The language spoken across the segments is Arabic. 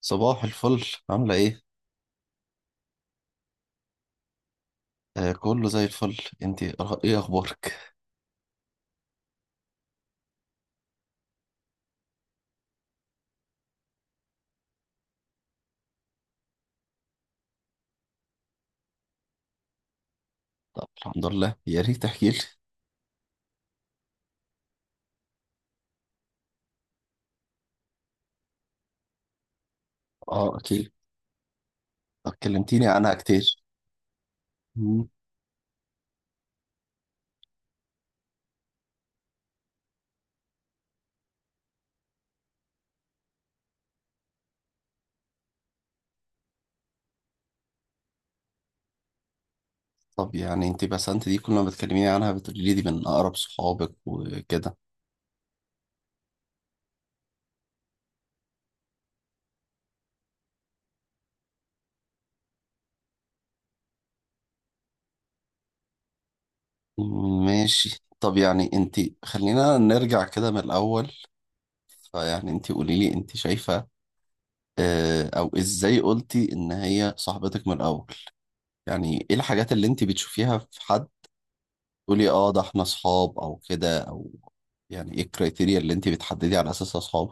صباح الفل. عاملة ايه؟ آه، كله زي الفل. انتي ايه اخبارك؟ طب الحمد لله، يا ريت تحكي لي. اه، اكيد. طب كلمتيني عنها كتير. مم. طب يعني انتي، بسنت دي كل ما بتكلميني عنها بتقولي لي دي من اقرب صحابك وكده. ماشي. طب يعني انتي، خلينا نرجع كده من الاول. فيعني انتي قولي لي، انتي شايفة او ازاي قلتي ان هي صاحبتك من الاول؟ يعني ايه الحاجات اللي انتي بتشوفيها في حد تقولي اه ده احنا اصحاب او كده، او يعني ايه الكريتيريا اللي انت بتحددي على اساسها اصحاب؟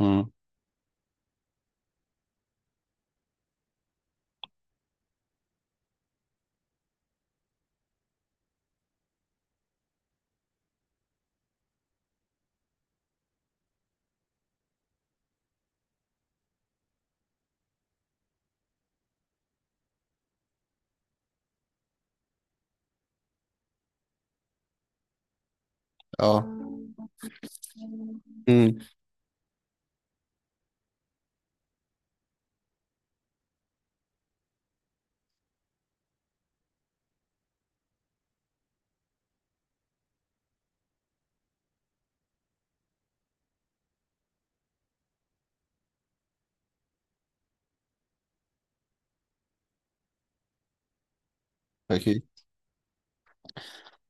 امم. اه. امم. اكيد.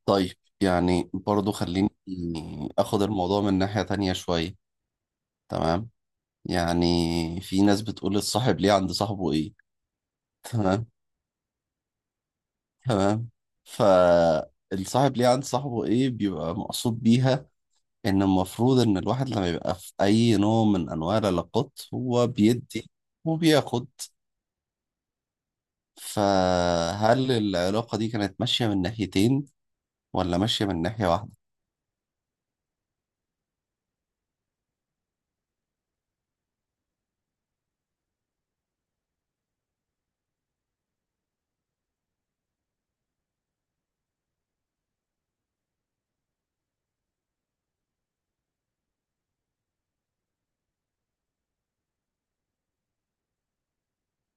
طيب، يعني برضو خليني اخد الموضوع من ناحية تانية شوية. تمام. يعني في ناس بتقول الصاحب ليه عند صاحبه ايه. تمام. تمام. فالصاحب ليه عند صاحبه ايه بيبقى مقصود بيها ان المفروض ان الواحد لما يبقى في اي نوع من انواع العلاقات هو بيدي وبياخد. فهل العلاقة دي كانت ماشية من ناحيتين ولا ماشية من ناحية واحدة؟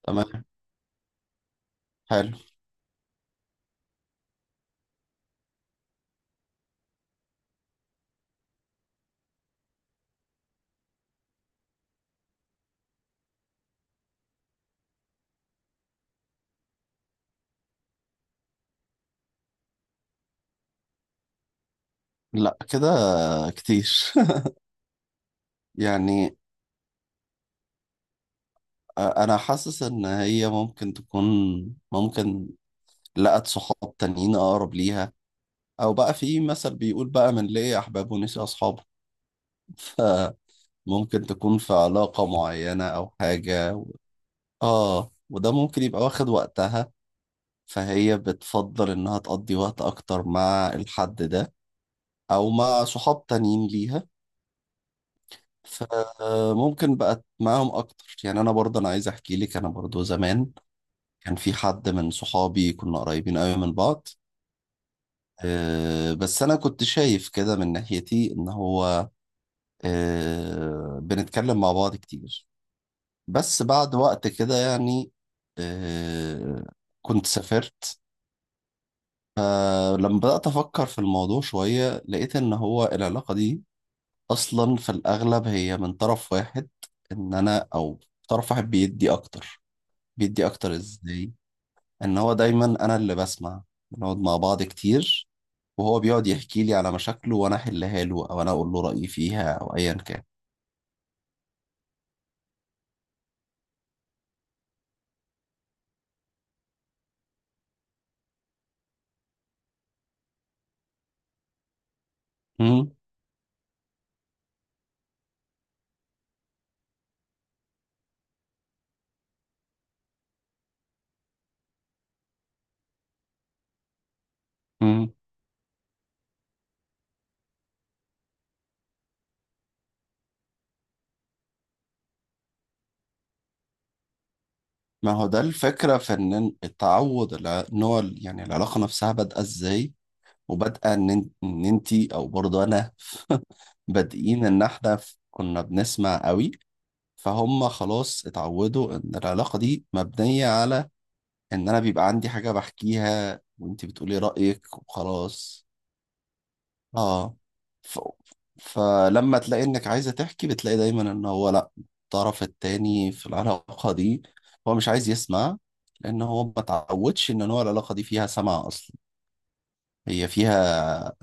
تمام. حلو. لا، كده كتير. يعني أنا حاسس إن هي ممكن تكون، ممكن لقت صحاب تانيين أقرب ليها. أو بقى في مثل بيقول بقى: من لقي أحبابه ونسي أصحابه. فممكن تكون في علاقة معينة أو حاجة و... آه وده ممكن يبقى واخد وقتها. فهي بتفضل إنها تقضي وقت أكتر مع الحد ده، او مع صحاب تانيين ليها. فممكن بقت معاهم اكتر. يعني انا برضه انا عايز احكي لك، انا برضه زمان كان في حد من صحابي كنا قريبين قوي من بعض. بس انا كنت شايف كده من ناحيتي ان هو بنتكلم مع بعض كتير. بس بعد وقت كده يعني آه، كنت سافرت. فلما بدأت أفكر في الموضوع شوية لقيت إن هو العلاقة دي اصلا في الاغلب هي من طرف واحد، ان انا، او طرف واحد بيدي اكتر. بيدي اكتر ازاي؟ ان هو دايما انا اللي بسمع. بنقعد مع بعض كتير وهو بيقعد يحكي لي على مشاكله، وانا احلها له او انا اقول له رايي فيها، او ايا كان. مم. مم. ما هو ده الفكره في ان التعود، ان هو يعني العلاقه نفسها بادئه ازاي؟ وبادئه ان إن انتي، او برضه انا، بادئين ان احنا كنا بنسمع قوي، فهم خلاص اتعودوا ان العلاقة دي مبنية على ان انا بيبقى عندي حاجة بحكيها وانت بتقولي رأيك وخلاص. اه. ف... فلما تلاقي انك عايزة تحكي بتلاقي دايما ان هو لا، الطرف التاني في العلاقة دي هو مش عايز يسمع. لان هو ما تعودش ان هو العلاقة دي فيها سمع اصلا، هي فيها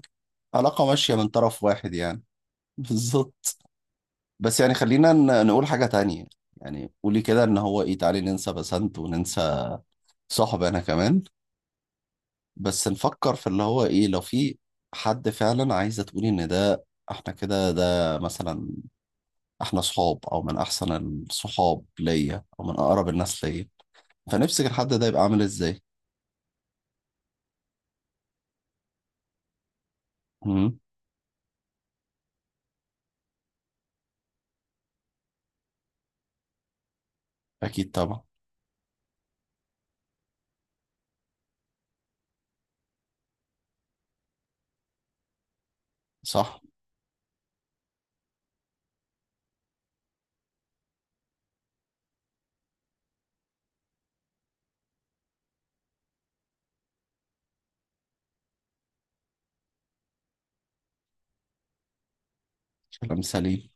علاقة ماشية من طرف واحد يعني. بالظبط. بس يعني خلينا نقول حاجة تانية. يعني قولي كده ان هو ايه، تعالي ننسى بسنت وننسى صاحب انا كمان. بس نفكر في اللي هو ايه، لو في حد فعلا عايزه تقولي ان ده، احنا كده ده مثلا، احنا صحاب او من احسن الصحاب ليا او من اقرب الناس ليا. فنفسك الحد ده يبقى عامل ازاي؟ امم. اكيد طبعا. صح. كلام سليم.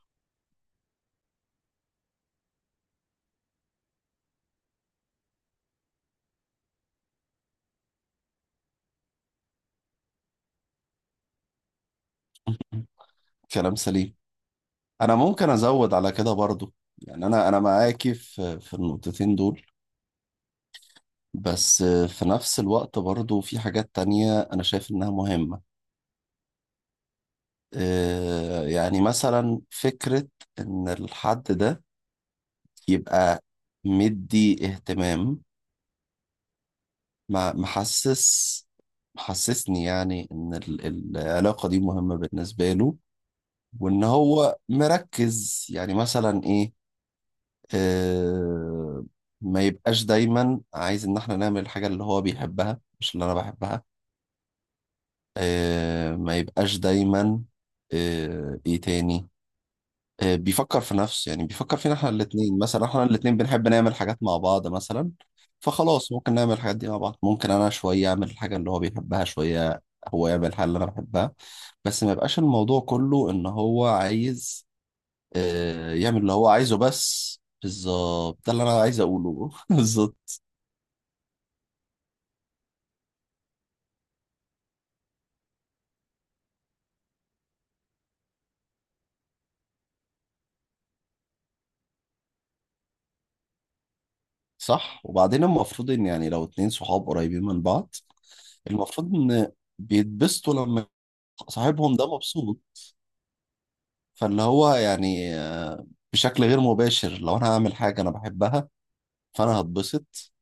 كلام سليم. انا ممكن ازود على كده برضو. يعني انا معاكي في النقطتين دول. بس في نفس الوقت برضو في حاجات تانية انا شايف انها مهمة. يعني مثلا فكرة إن الحد ده يبقى مدي اهتمام، محسس، محسسني يعني إن العلاقة دي مهمة بالنسبة له. وإن هو مركز يعني مثلا إيه، آه، ما يبقاش دايما عايز إن إحنا نعمل الحاجة اللي هو بيحبها مش اللي أنا بحبها. ما يبقاش دايما. إيه تاني؟ بيفكر في نفسه، يعني بيفكر فينا احنا الاثنين، مثلا احنا الاثنين بنحب نعمل حاجات مع بعض مثلا. فخلاص ممكن نعمل الحاجات دي مع بعض. ممكن انا شوية اعمل الحاجة اللي هو بيحبها، شوية هو يعمل الحاجة اللي انا بحبها. بس ما يبقاش الموضوع كله ان هو عايز يعمل اللي هو عايزه بس. بالظبط ده اللي انا عايز اقوله. بالظبط. صح. وبعدين المفروض ان يعني لو اتنين صحاب قريبين من بعض، المفروض ان بيتبسطوا لما صاحبهم ده مبسوط. فاللي هو يعني بشكل غير مباشر، لو انا هعمل حاجة انا بحبها فانا هتبسط.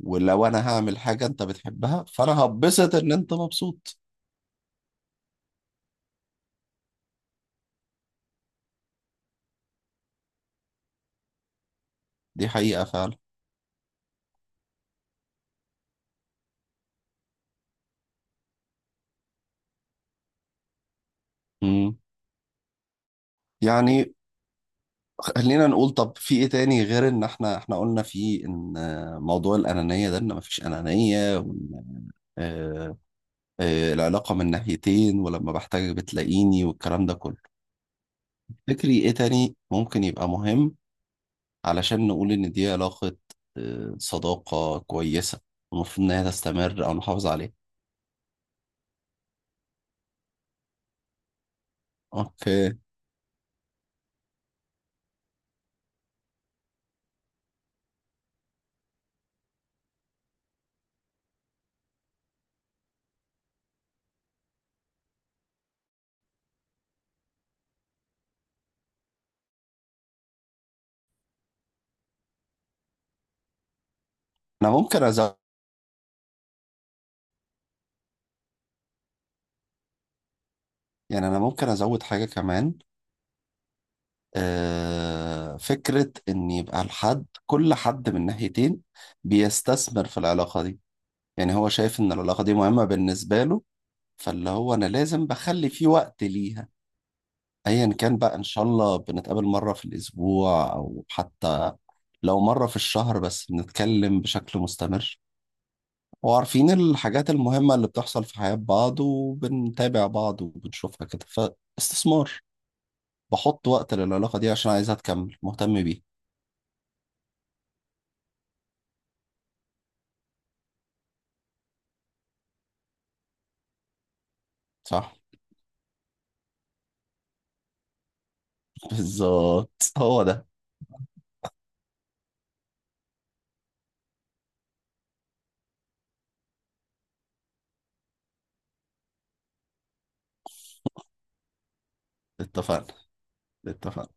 ولو انا هعمل حاجة انت بتحبها فانا هتبسط ان انت مبسوط. دي حقيقة فعلا. مم. يعني خلينا نقول، طب في ايه تاني غير ان احنا قلنا فيه ان موضوع الانانية ده، ان مفيش انانية، وان آه، العلاقة من ناحيتين ولما بحتاجك بتلاقيني والكلام ده كله. تفتكري ايه تاني ممكن يبقى مهم علشان نقول إن دي علاقة صداقة كويسة المفروض إن هي تستمر أو نحافظ عليها؟ أوكي. أنا ممكن أزود. يعني أنا ممكن أزود حاجة كمان. فكرة إن يبقى الحد، كل حد من ناحيتين بيستثمر في العلاقة دي. يعني هو شايف إن العلاقة دي مهمة بالنسبة له، فاللي هو أنا لازم بخلي فيه وقت ليها. ايا كان بقى، ان شاء الله بنتقابل مره في الاسبوع، او حتى لو مره في الشهر، بس بنتكلم بشكل مستمر. وعارفين الحاجات المهمة اللي بتحصل في حياة بعض وبنتابع بعض وبنشوفها كده. فاستثمار، بحط وقت للعلاقة دي عشان عايزها تكمل مهتم بيه. صح. بالظبط هو ده. اتفقنا. اتفقنا.